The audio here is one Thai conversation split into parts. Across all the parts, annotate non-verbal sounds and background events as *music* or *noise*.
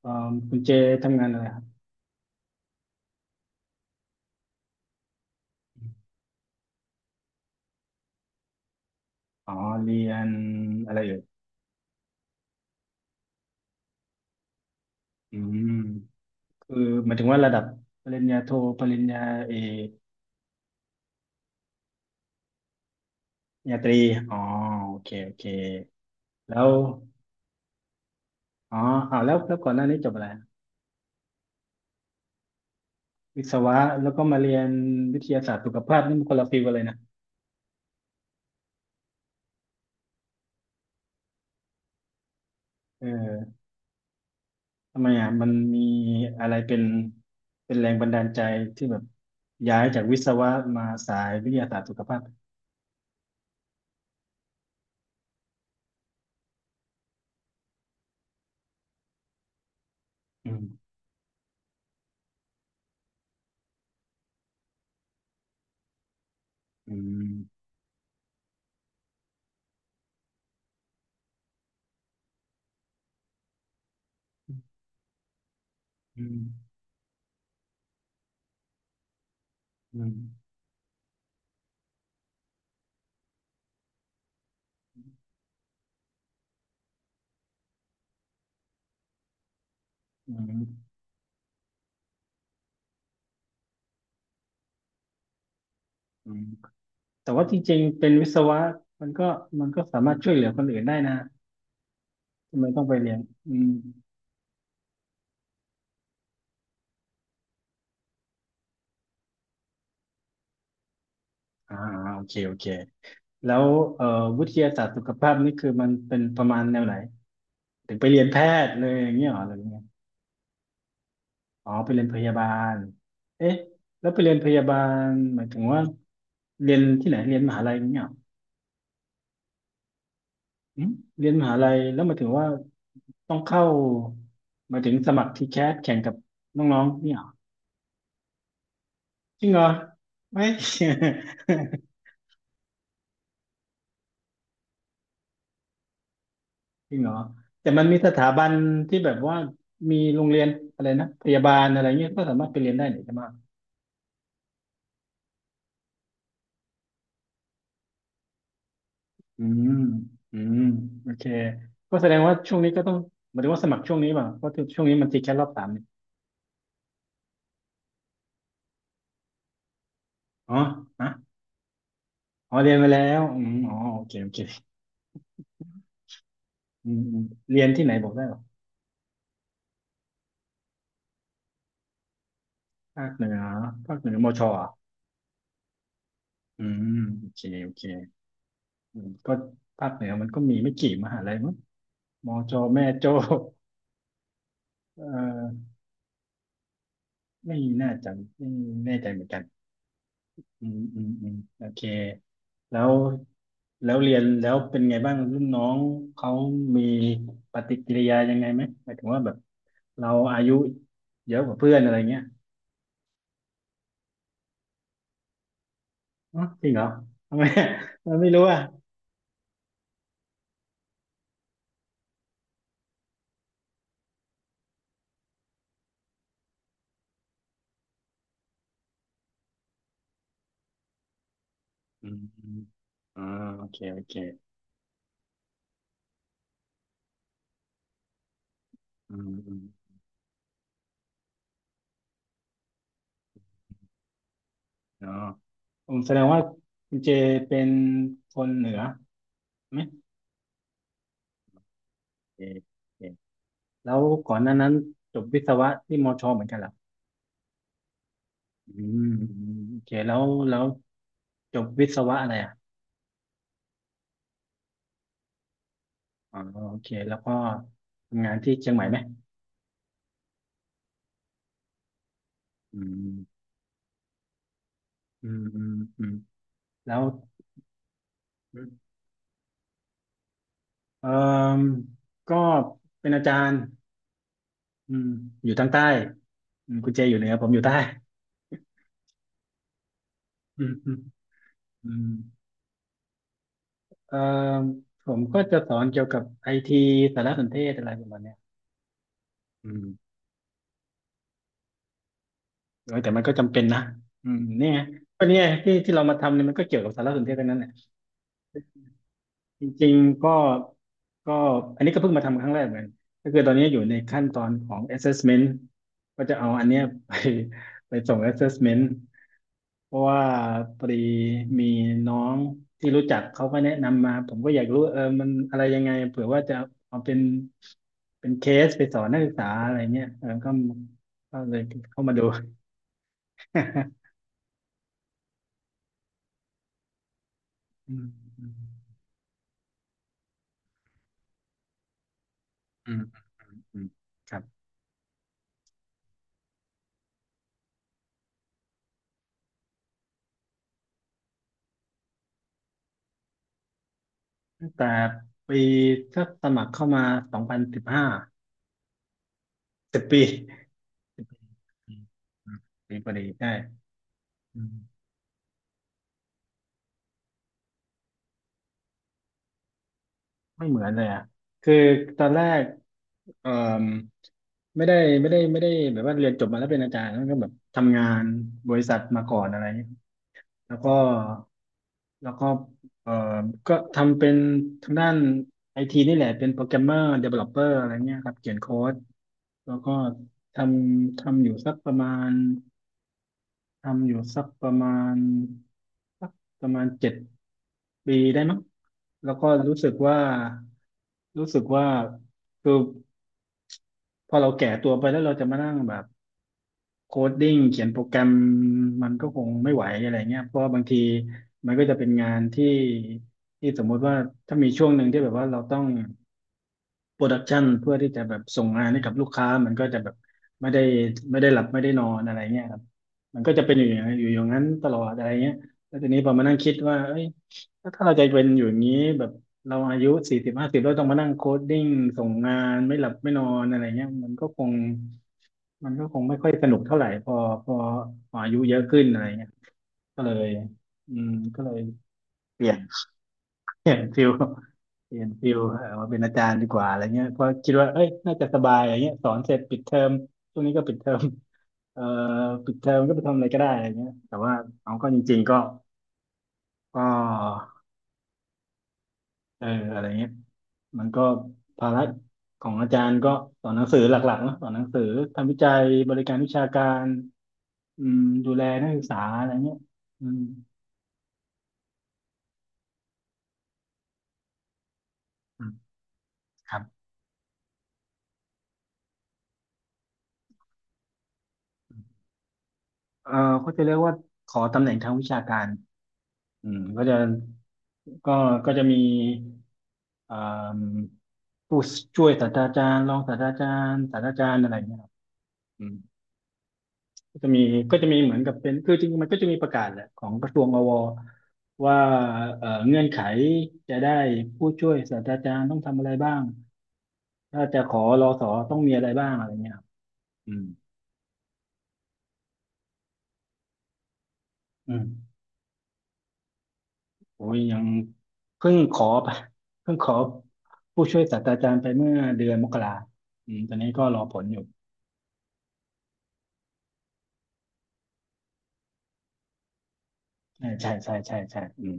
เอ่อคุณเจทำงานอะไรครับอ๋อเรียนอะไรเอ่ยอืมคือหมายถึงว่าระดับปริญญาโทปริญญาเอกปริญญาตรีอ๋อโอเคโอเคแล้วอ๋ออ้าวแล้วก่อนหน้านี้จบอะไรวิศวะแล้วก็มาเรียนวิทยาศาสตร์สุขภาพนี่มันคนละฟิลกันเลยนะเออทำไมอ่ะมันมีอะไรเป็นแรงบันดาลใจที่แบบย้ายจากวิศวะมาสายวิทยาศาสตร์สุขภาพอืมอืมอืมอืมอืมอืม แต่ว่าจริงๆเป็นวิศวะมันก็มันก็สามารถช่วยเหลือคนอื่นได้นะทำไมต้องไปเรียนอืมอ่าโอเคโอเคแล้ววิทยาศาสตร์สุขภาพนี่คือมันเป็นประมาณแนวไหนถึงไปเรียนแพทย์เลยอย่างเงี้ยเหรอหรือยังไงอ๋อไปเรียนพยาบาลเอ๊ะแล้วไปเรียนพยาบาลหมายถึงว่าเรียนที่ไหนเรียนมหาลัยอย่างเงี้ยเหรออืมเรียนมหาลัยแล้วหมายถึงว่าต้องเข้าหมายถึงสมัครทีแคสแข่งกับน้องๆเนี่ยเหรอจริงเหรอไม่ *laughs* จริงเหรอแต่มันมีสถาบันที่แบบว่ามีโรงเรียนอะไรนะพยาบาลอะไรเงี้ยก็สามารถไปเรียนได้หน่ใช่ไหมอืมอืมโอเคก็แสดงว่าช่วงนี้ก็ต้องหมายถึงว่าสมัครช่วงนี้ป่ะเพราะช่วงนี้มันติดแค่รอบสามนี่อ๋อฮะอ๋อเรียนไปแล้วอืมอ๋อโอเคโอเคอืมอืมเรียนที่ไหนบอกได้เหรอภาคเหนือภาคเหนือมชอ่ะอืมโอเคโอเคอืมก็ภาคเหนือมันก็มีไม่กี่มหาลัยมั้งมชแม่โจ้เอ่อไม่น่าจะไม่แน่ใจเหมือนกัน อืมอืมอืมโอเคแล้วแล้วเรียนแล้วเป็นไงบ้างรุ่นน้องเขามีปฏิกิริยายังไงไหมหมายถึงว่าแบบเราอายุเยอะกว่าเพื่อนอะไรเงี้ยอ๋อจริงเหรอทำไม *laughs* เราไม่รู้อ่ะอืมอืมอ่าโอเคโอเคอืมอืมเนาะอืมแสดงว่าคุณเจเป็นคนเหนือไหมโอเคโอเคแล้วก่อนหน้านั้นจบวิศวะที่มอชอเหมือนกันเหรอ อืมอืมโอเคแล้วแล้วจบวิศวะอะไรอ่ะอ๋อโอเคแล้วก็ทำงานที่เชียงใหม่ไหมอืมอืมอืมอืมแล้วเออก็เป็นอาจารย์อืมอยู่ทางใต้อืมคุณเจอยู่เหนือผมอยู่ใต้อืมอืมอืมเอ่อผมก็จะสอนเกี่ยวกับไอทีสารสนเทศอะไรประมาณเนี้ยอืมเออแต่มันก็จำเป็นนะอืมเนี่ยก็เนี่ยที่ที่เรามาทำเนี่ยมันก็เกี่ยวกับสารสนเทศทั้งนั้นแหละ จริงๆก็อันนี้ก็เพิ่งมาทำครั้งแรกเหมือนกันก็คือตอนนี้อยู่ในขั้นตอนของ assessment ก็จะเอาอันเนี้ยไปส่ง assessment เพราะว่าพอดีมีน้องที่รู้จักเขาก็แนะนำมาผมก็อยากรู้เออมันอะไรยังไงเผื่อว่าจะเอาเป็นเคสไปสอนนักศึกษาอะไรเงี้ยเออก็ก็เลยเข้ามาดู *laughs* อืมอืมอืมอืมอืมครับตั้งแต่ปีถ้าสมัครเข้ามา2015 สิบปีอืมอืมปีพอดีใช่อืมไม่เหมือนเลยอ่ะคือตอนแรกเอ่อไม่ได้ไม่ได้แบบว่าเรียนจบมาแล้วเป็นอาจารย์แล้วก็แบบทำงานบริษัทมาก่อนอะไรเงี้ยแล้วก็แล้วก็เอ่อก็ทำเป็นทางด้านไอทีนี่แหละเป็นโปรแกรมเมอร์เดเวลลอปเปอร์อะไรเงี้ยครับเขียนโค้ดแล้วก็ททำอยู่สักประมาณ ทำอยู่สักประมาณสักประมาณ7 ปีได้มั้งแล้วก็รู้สึกว่าคือพอเราแก่ตัวไปแล้วเราจะมานั่งแบบโคดดิ้งเขียนโปรแกรมมันก็คงไม่ไหวอะไรเงี้ยเพราะว่าบางทีมันก็จะเป็นงานที่ที่สมมุติว่าถ้ามีช่วงหนึ่งที่แบบว่าเราต้อง โปรดักชันเพื่อที่จะแบบส่งงานให้กับลูกค้ามันก็จะแบบไม่ได้หลับไม่ได้นอนอะไรเงี้ยครับมันก็จะเป็นอยู่อย่างนั้นอยู่อย่างนั้นตลอดอะไรเงี้ยแล้วทีนี้พอมานั่งคิดว่าเอ้ยแล้วถ้าเราจะเป็นอยู่อย่างนี้แบบเราอายุ40-50แล้วต้องมานั่งโคดดิ้งส่งงานไม่หลับไม่นอนอะไรเงี้ยมันก็คงไม่ค่อยสนุกเท่าไหร่พอพออายุเยอะขึ้นอะไรเงี้ยก็เลยก็เลยเปลี่ยน เปลี่ยนฟิลเปลี่ยนฟิลมาเป็นอาจารย์ดีกว่าอะไรเงี้ยเพราะคิดว่าเอ้ยน่าจะสบายอะไรเงี้ยสอนเสร็จปิดเทอมช่วงนี้ก็ปิดเทอมเอ่อปิดเทอมก็ไปทำอะไรก็ได้อะไรเงี้ยแต่ว่าเอาก็จริงๆก็เอออะไรเงี้ยมันก็ภาระของอาจารย์ก็สอนหนังสือหลักๆเนอะสอนหนังสือทำวิจัยบริการวิชาการอืมดูแลนักศึกษาอะไรเงี้ยอืมอืมครับเอ่อเขาจะเรียกว่าขอตำแหน่งทางวิชาการ อืมก็จะก็ก็จะมีอ่ามผู้ช่วยศาสตราจารย์รองศาสตราจารย์ศาสตราจารย์อะไรเงี้ยครับอืมก็จะมีก็จะมีเหมือนกับเป็นคือจริงๆมันก็จะมีประกาศแหละของกระทรวงอวว่าเงื่อนไขจะได้ผู้ช่วยศาสตราจารย์ต้องทำอะไรบ้างถ้าจะขอรอสอต้องมีอะไรบ้างอะไรเงี้ยครับอืมอืมโอ้ยยังเพิ่งขอไปเพิ่งขอผู้ช่วยศาสตราจารย์ไปเมื่อเดือนมกราอืมตอนนี้ก็รอผลอยู่ ใช่ใช่ใช่ใช่ใช่อืม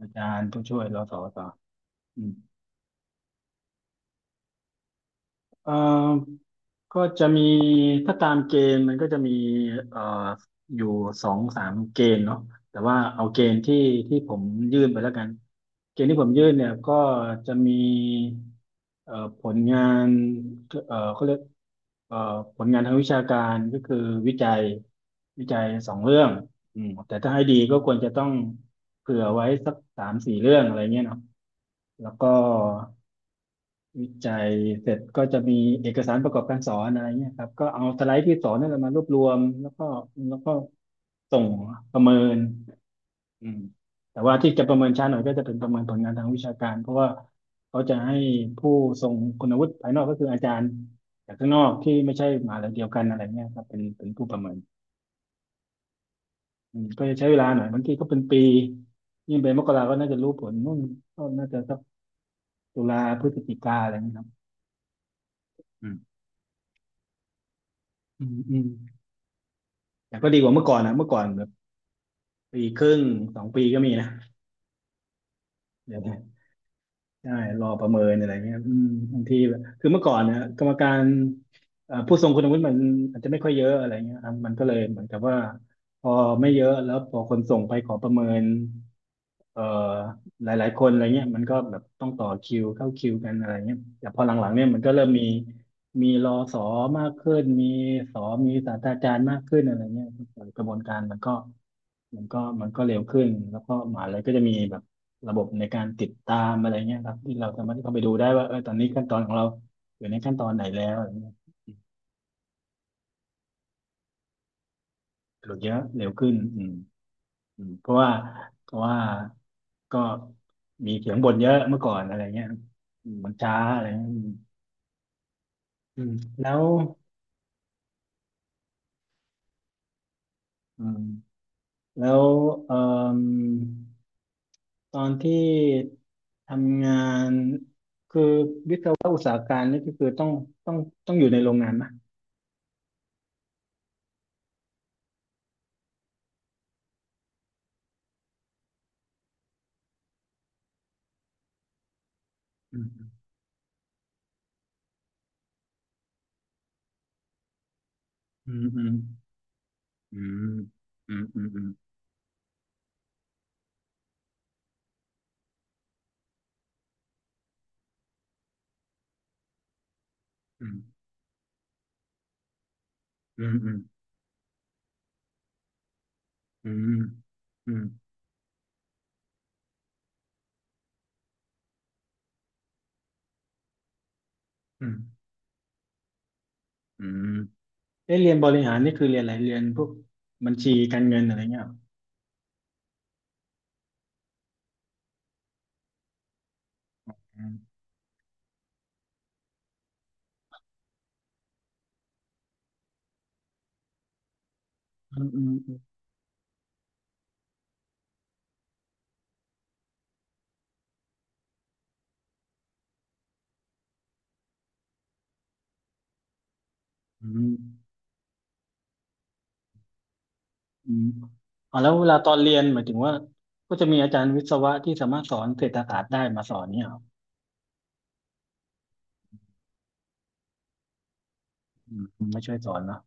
อาจารย์ผู้ช่วยรสสอืมเอ่อก็จะมีถ้าตามเกณฑ์มันก็จะมีเอ่ออยู่สองสามเกณฑ์เนาะแต่ว่าเอาเกณฑ์ที่ผมยื่นไปแล้วกัน เกณฑ์ที่ผมยื่นเนี่ยก็จะมีเอ่อผลงานเขาเรียกเอ่อผลงานทางวิชาการก็คือวิจัยวิจัยสองเรื่องอืมแต่ถ้าให้ดีก็ควรจะต้องเผื่อไว้สักสามสี่เรื่องอะไรเงี้ยเนาะ แล้วก็วิจัยเสร็จก็จะมีเอกสารประกอบการสอนอะไรเงี้ยครับก็เอาสไลด์ที่สอนนั่นแหละมารวบรวมแล้วก็ส่งประเมินอืมแต่ว่าที่จะประเมินช้าหน่อยก็จะเป็นประเมินผลงานทางวิชาการเพราะว่าเขาจะให้ผู้ทรงคุณวุฒิภายนอกก็คืออาจารย์จากข้างนอกที่ไม่ใช่มหาลัยเดียวกันอะไรเงี้ยครับเป็นผู้ประเมินอืมก็จะใช้เวลาหน่อยบางทีก็เป็นปียิ่งเป็นมกราก็น่าจะรู้ผลนู่นก็น่าจะสักตุลาพฤศจิกาอะไรเงี้ยครับอืมอืมอืม แต่ก็ดีกว่าเมื่อก่อนนะเมื่อก่อนแบบปีครึ่งสองปีก็มีนะเดี๋ยวนะ ใช่รอประเมินอะไรเงี้ยอืมบางทีแบบคือเมื่อก่อนเนี่ยกรรมการผู้ทรงคุณวุฒิมันอาจจะไม่ค่อยเยอะอะไรเงี้ยครับมันก็เลยเหมือนกับว่าพอไม่เยอะแล้วพอคนส่งไปขอประเมินเอ่อหลายๆคนอะไรเงี้ยมันก็แบบต้องต่อคิวเข้าคิวกันอะไรเงี้ยแต่พอหลังๆเนี่ยมันก็เริ่มมีมีรอสอมากขึ้นมีสอมีศาสตราจารย์มากขึ้นอะไรเงี้ยกระบวนการมันก็มันก็เร็วขึ้นแล้วก็มหาเลัยก็จะมีแบบ ระบบในการติดตามอะไรเงี้ยครับที่เราสามารถที่เข้าไปดูได้ว่าเออตอนนี้ขั้นตอนของเราอยู่ในขั้นตอนไหนแล้วอะไรเงี้ยหรือเยอะเร็วขึ้นอืมอืมเพราะว่าก็มีเสียงบ่นเยอะเมื่อก่อนอะไรเงี้ยอืมมันช้าอะไรเงี้ยอืมอืมแล้วอืมแล้วเอ่อตอนที่ทำงานคือวิศวะอุตสาหการนี่ก็คือต้องต้องอยู่ในโรงงานนะอืมอืมอืม อืมอืมอืมอืมอืมอืมอืมอืมอืมอืมเอ๊ะเรียนบริหารนี่คือเรียนอะไรเรียนพวกบัญชีการเงินอะไรเงี้ยอืมอืมอืมอืมอืมอ๋อแล้วเวลาตอนเรียนหมายถึงว่าก็จะมีอาจารย์วิศวะที่สามารถสอนเศรษฐศาสตร์ได้มาสอนเนี่ยอืมไม่ช่วยสอนเนาะ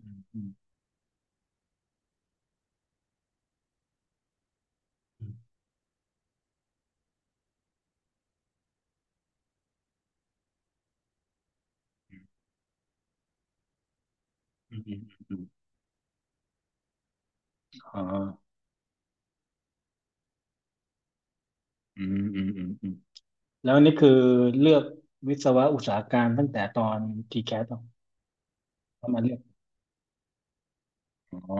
อืมอืมอืมอืมอืมอ๋ออืมอืมอืมอืมแล้วนี่คือเลือกวิศวะอุตสาหการตั้งแต่ตอนทีแคสต้องมาเลือกอ๋อ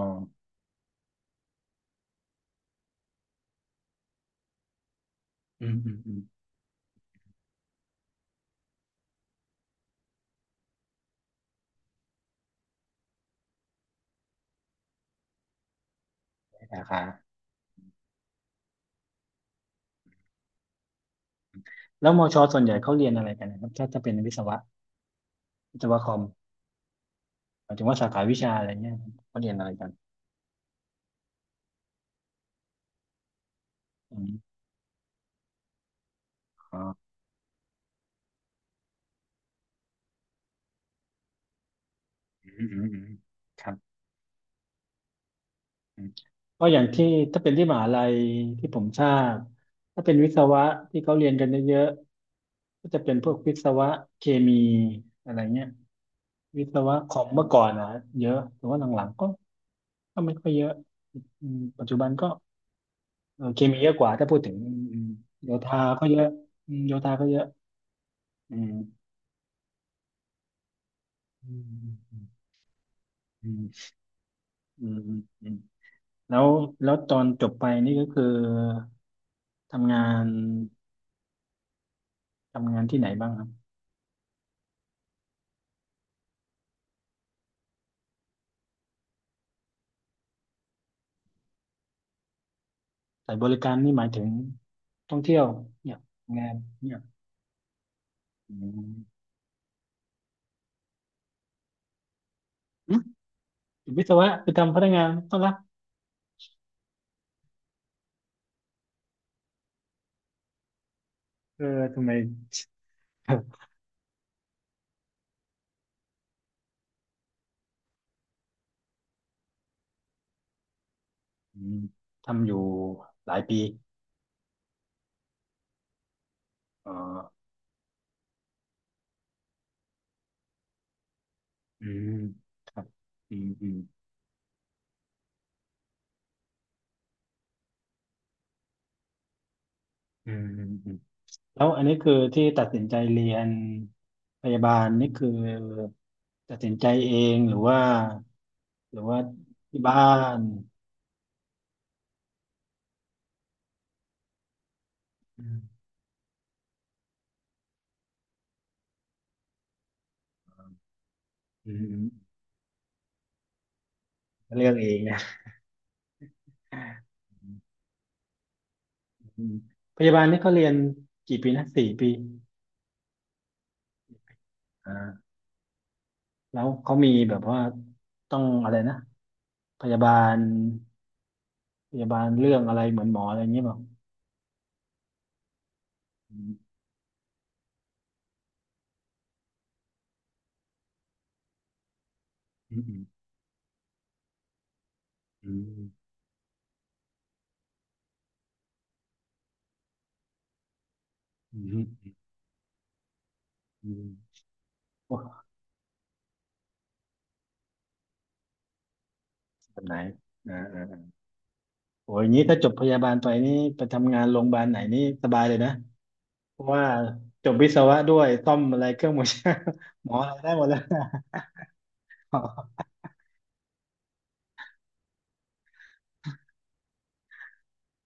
อืมอืมอืมใช่สาขาแล้วมอชอส่วนใหญ่เขาเรียนอะไรกันนะครับถ้าจะเป็นวิศวะวิศวะคอมหมายถึงว่าสาขาวิชาอะไรเนี่ยเขาเรียนอะไรกันอืมอ๋ออืมอืมอืมครับอืมก็อย่างที่ถ้าเป็นที่มหาลัยที่ผมทราบถ้าเป็นวิศวะที่เขาเรียนกันเยอะๆก็จะเป็นพวกวิศวะเคมีอะไรเงี้ยวิศวะคอมเมื่อก่อนนะเยอะแต่ว่าหลังๆก็ก็ไม่ค่อยเยอะอืมปัจจุบันก็ เออเคมีเยอะกว่าถ้าพูดถึงอืมโยธาก็เยอะอืมโยธาก็เยอะอืมอืมอืมอืมอืมอืมแล้วแล้วตอนจบไปนี่ก็คือทำงานทำงานที่ไหนบ้างครับสายบริการนี่หมายถึงท่องเที่ยวเนี่ยงานเนี่ยอืมอืมวิศวะไปทำพนักงานต้อนรับเออทำไม *laughs* อืมทำอยู่หลายปีอ๋ออืมครับอืมอืมอืม แล้วอันนี้คือที่ตัดสินใจเรียนพยาบาลนี่คือตัดสินใจเองหรือว่าหรือว่าที่บ้านอืมอืมเลือกเองนะอืมพยาบาลนี่เขาเรียนกี่ปีนะสี่ปีอ่าแล้วเขามีแบบว่าต้องอะไรนะพยาบาลพยาบาลเรื่องอะไรเหมือนหมออะไรอย่างเงี้ยเปล่าอืมอืมอืมอืมอืมอืมโอ้แบบไหนอ่า โอ้ยงี้ถ้าจบพยาบาลไปนี่ไปทำงานโรงพยาบาลไหนนี่สบายเลยนะเพราะว่าจบวิศวะด้วยซ่อมอะไรเครื่องมือช่างหมออะไรได้หมดแล้ว *laughs* ออ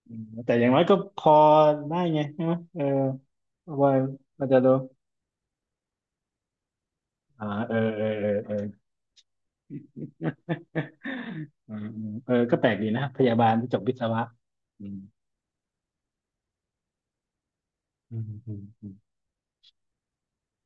อืมแต่อย่างน้อยก็พอได้ไงใช่ไหมเออว่ามันจะดูอ่าเออเออเออเออ *laughs* อืมอืมเออก็แปลกดีนะพยาบาลที่จบวิศวะอืมอืมอืม